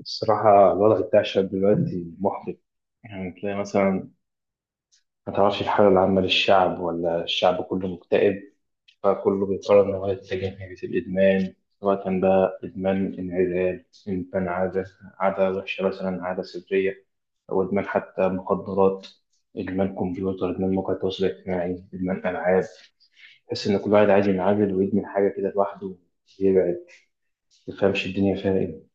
الصراحة الوضع بتاع الشعب دلوقتي محبط. يعني تلاقي مثلا، ما تعرفش الحالة العامة للشعب ولا الشعب كله مكتئب. فكله بيقرر إن هو يتجه ناحية الإدمان، سواء بقى إدمان انعزال، إدمان عادة، عادة وحشة مثلا، عادة سرية، أو إدمان حتى مخدرات، إدمان كمبيوتر، إدمان مواقع التواصل الاجتماعي، إدمان ألعاب. تحس إن كل واحد عايز ينعزل ويدمن حاجة كده لوحده ويبعد. ما تفهمش الدنيا فيها إيه.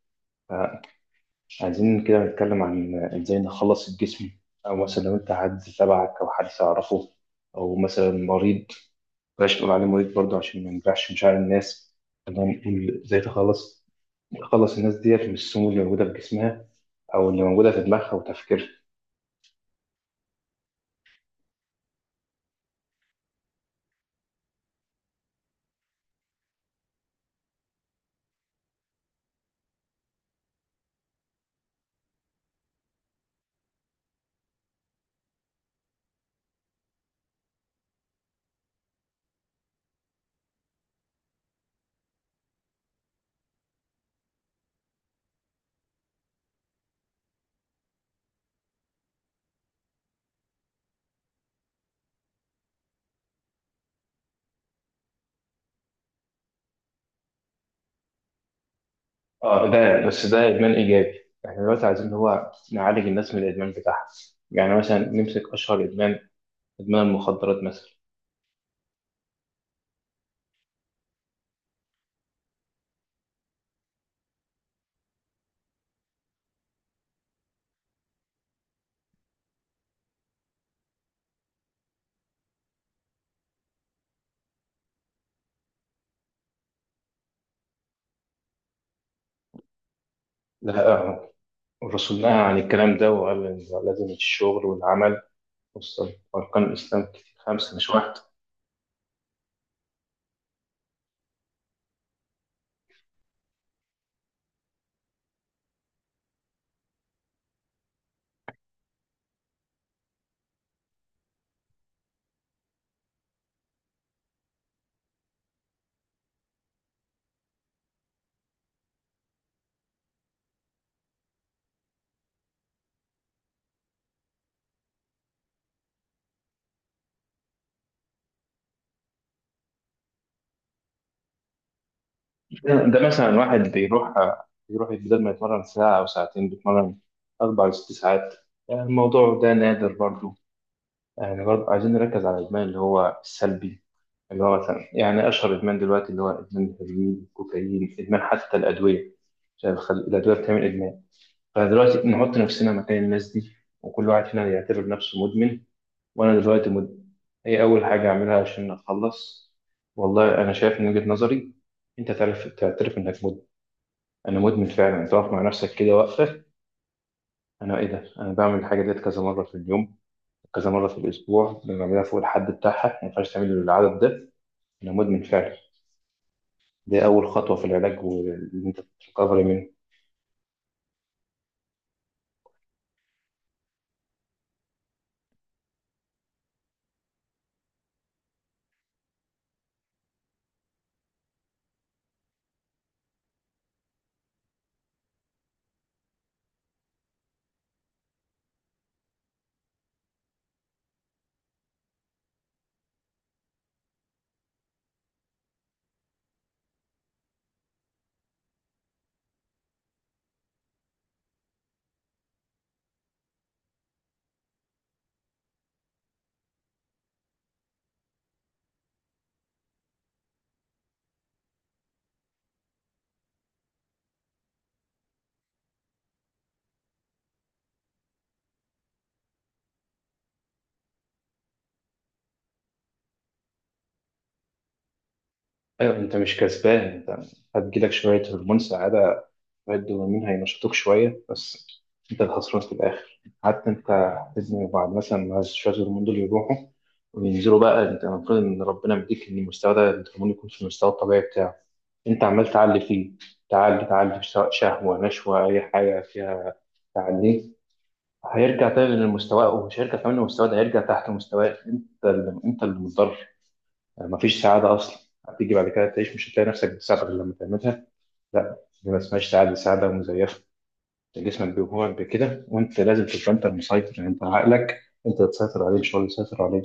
عايزين كده نتكلم عن ازاي نخلص الجسم، او مثلا لو انت حد تبعك او حد تعرفه، او مثلا مريض. بلاش نقول عليه مريض برضه عشان ما نجرحش مشاعر الناس. خلينا نقول ازاي تخلص الناس ديت من السموم اللي موجوده في جسمها او اللي موجوده في دماغها وتفكيرها. اه ده بس، ده ادمان ايجابي. احنا دلوقتي عايزين اللي هو نعالج الناس من الادمان بتاعها. يعني مثلا نمسك اشهر ادمان، ادمان المخدرات مثلا. لا الرسول نهى عن الكلام ده وقال إن لازم الشغل والعمل. بص، أركان الإسلام كتير، خمسة مش واحد. ده مثلا واحد بيروح بدل ما يتمرن ساعة أو ساعتين بيتمرن أربع لست ساعات. يعني الموضوع ده نادر برضو. يعني برضو عايزين نركز على الإدمان اللي هو السلبي، اللي هو مثلا يعني أشهر إدمان دلوقتي اللي هو إدمان الهيروين، الكوكايين، إدمان حتى الأدوية. عشان الأدوية بتعمل إدمان. فدلوقتي نحط نفسنا مكان الناس دي، وكل واحد فينا يعتبر نفسه مدمن. وانا دلوقتي ايه اول حاجه اعملها عشان اتخلص؟ والله انا شايف من وجهه نظري، انت تعرف تعترف انك مدمن. انا مدمن فعلا، تقف مع نفسك كده واقفه. انا ايه ده، انا بعمل الحاجه ديت كذا مره في اليوم، كذا مره في الاسبوع، أنا بعملها فوق الحد بتاعها، ما ينفعش تعمل العدد ده. انا مدمن فعلا. دي اول خطوه في العلاج، واللي انت تتكبر منه. ايوه، انت مش كسبان. انت هتجيلك شويه هرمون سعاده، شوية دوبامين هينشطوك شوية بس. أنت الخسران في الآخر. حتى أنت لازم بعد مثلا ما شوية الهرمون دول يروحوا وينزلوا بقى، أنت المفروض إن ربنا مديك إن المستوى ده، الهرمون يكون في المستوى الطبيعي بتاعه. أنت عمال تعلي فيه، تعلي تعلي سواء شهوة نشوة أي حاجة فيها. تعليه هيرجع تاني لمستواه، ومش هيرجع كمان لمستواه، ده هيرجع تحت مستواك، أنت اللي متضرر. يعني مفيش سعادة أصلا. هتيجي بعد كده تعيش مش هتلاقي نفسك بتساعدك غير لما تعملها. لا، دي ما اسمهاش سعادة، سعادة مزيفة. جسمك بيجوعك بكده، وانت لازم تبقى انت المسيطر، يعني انت عقلك، انت اللي تسيطر عليه مش هو اللي يسيطر عليك.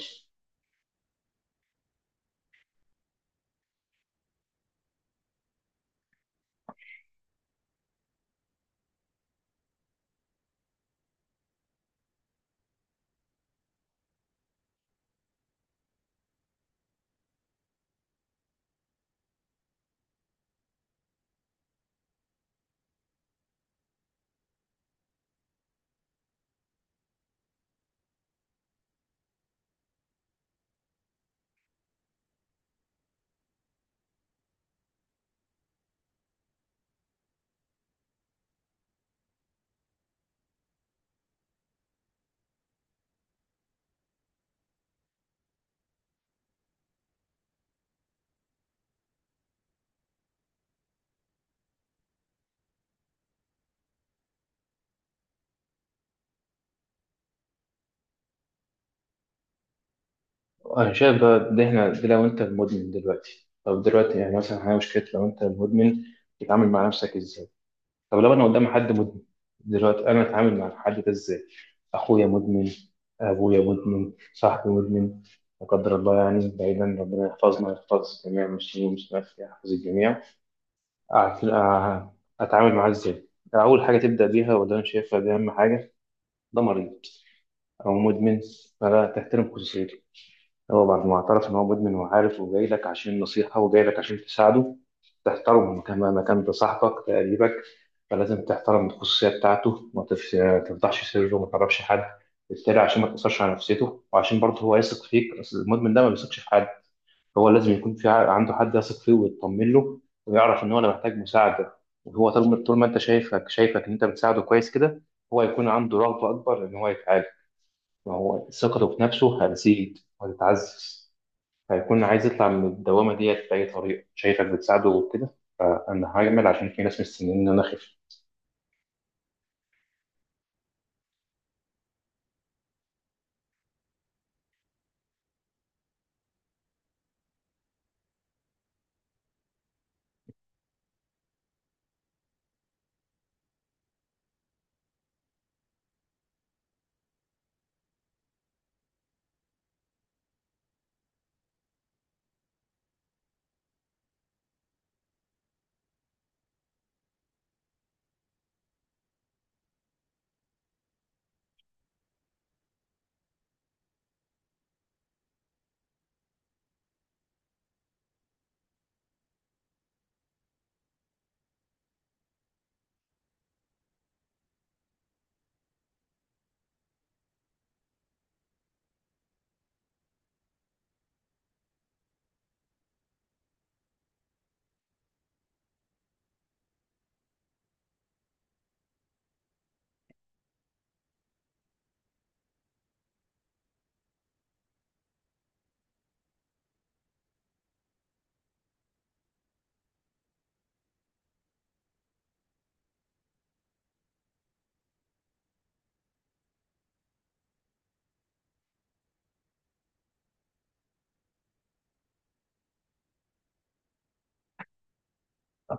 انا شايف بقى ده، احنا ده لو انت المدمن دلوقتي، طب دلوقتي يعني مثلا احنا مشكله لو انت المدمن، تتعامل مع نفسك ازاي؟ طب لو انا قدام حد مدمن دلوقتي، انا اتعامل مع الحد ده ازاي؟ اخويا مدمن، ابويا مدمن، صاحبي مدمن، لا قدر الله، يعني بعيدا، ربنا يحفظنا ويحفظ الجميع المسلمين والمسلمات، يحفظ الجميع. أعت- آه، أتعامل معاه إزاي؟ أول حاجة تبدأ بيها، وده أنا شايفها دي أهم حاجة، ده مريض أو مدمن، فلا تحترم خصوصيته. هو بعد ما اعترف إن هو مدمن وعارف وجاي لك عشان نصيحة وجاي لك عشان تساعده، تحترمه كما ما كان، ده صاحبك ده قريبك. فلازم تحترم الخصوصية بتاعته، ما تفش- تفضحش سره وما تعرفش حد. بالتالي عشان ما تأثرش على نفسيته، وعشان برضه هو يثق فيك، أصل المدمن ده ما بيثقش في حد. هو لازم يكون في عنده حد يثق فيه ويطمن له. ويعرف ان هو، انا محتاج مساعده. وهو طول ما انت شايفك ان انت بتساعده كويس كده، هو هيكون عنده رغبه اكبر ان هو يتعالج. ما هو ثقته في نفسه هتزيد وهتتعزز. هيكون عايز يطلع من الدوامه ديت باي طريقه، شايفك بتساعده وكده. فانا هعمل عشان في ناس مستنيين ان انا اخف.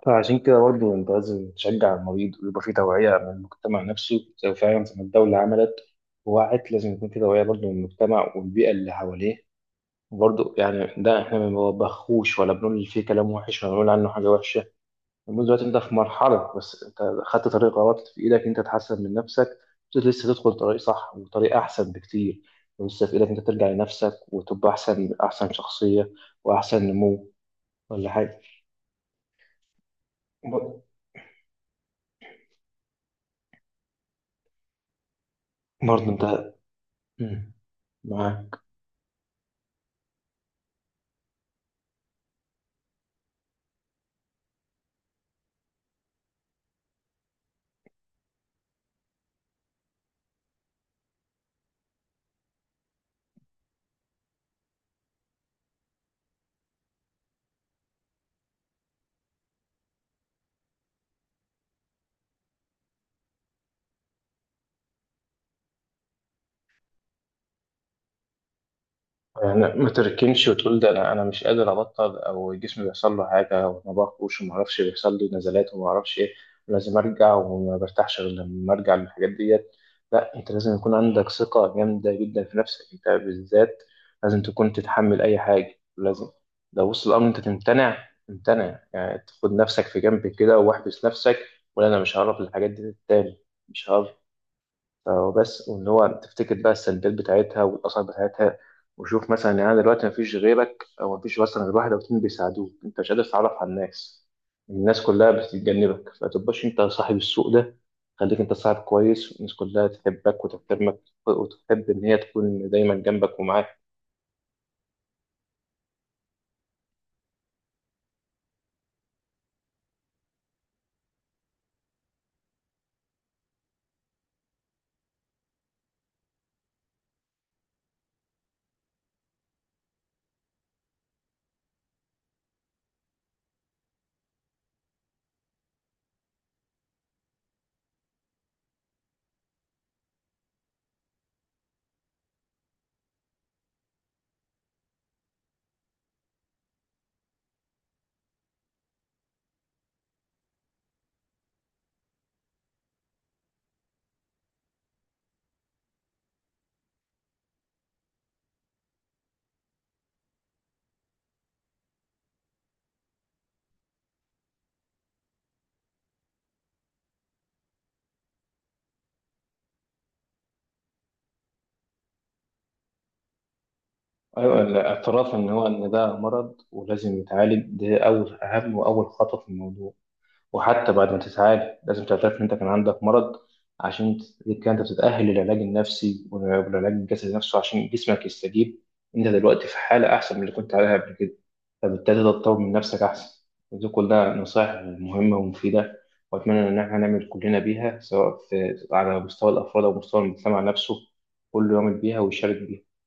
فعشان كده برضه انت لازم تشجع المريض، ويبقى في توعيه من المجتمع نفسه زي فعلا زي ما الدوله عملت ووعت. لازم يكون في توعيه برضه من المجتمع والبيئه اللي حواليه. برضه يعني ده احنا ما بنوبخوش ولا بنقول فيه كلام وحش ولا بنقول عنه حاجه وحشه. المهم دلوقتي انت في مرحله، بس انت خدت طريق غلط، في ايدك انت تحسن من نفسك. بس لسه تدخل طريق صح وطريق احسن بكتير. ولسه في ايدك انت ترجع لنفسك وتبقى احسن، احسن شخصيه واحسن نمو، ولا حاجه. برضه انت، مم. معاك. يعني ما تركنش وتقول ده، انا مش قادر ابطل، او جسمي بيحصل له حاجه، وما باكلش وما اعرفش بيحصل لي نزلات وما اعرفش ايه، ولازم ارجع، وما برتاحش غير لما ارجع للحاجات ديت. لا، انت لازم يكون عندك ثقه جامده جدا في نفسك انت بالذات. لازم تكون تتحمل اي حاجه، لازم لو وصل الامر انت تمتنع، تمتنع يعني تاخد نفسك في جنب كده واحبس نفسك. ولا، انا مش هعرف الحاجات دي تاني، مش هعرف. وبس، وان هو تفتكر بقى السلبيات بتاعتها والاثار بتاعتها. وشوف مثلا يعني أنا دلوقتي مفيش غيرك، او مفيش مثلا غير واحد او اتنين بيساعدوك، انت مش قادر تتعرف على الناس، الناس كلها بتتجنبك، فتبقاش انت صاحب السوق ده. خليك انت صاحب كويس والناس كلها تحبك وتحترمك، وتحب ان هي تكون دايما جنبك ومعاك. ايوه، الاعتراف ان هو، ان ده مرض ولازم يتعالج، ده اول اهم واول خطوه في الموضوع. وحتى بعد ما تتعالج لازم تعترف إن أنت كان عندك مرض، عشان تبقى أنت بتتأهل للعلاج النفسي والعلاج الجسدي نفسه عشان جسمك يستجيب. أنت دلوقتي في حالة أحسن من اللي كنت عليها قبل كده، فبالتالي تطور من نفسك أحسن. ودي كلها نصائح مهمة ومفيدة، وأتمنى إن إحنا نعمل كلنا بيها سواء في على مستوى الأفراد أو مستوى المجتمع نفسه، كله يعمل بيها ويشارك بيها.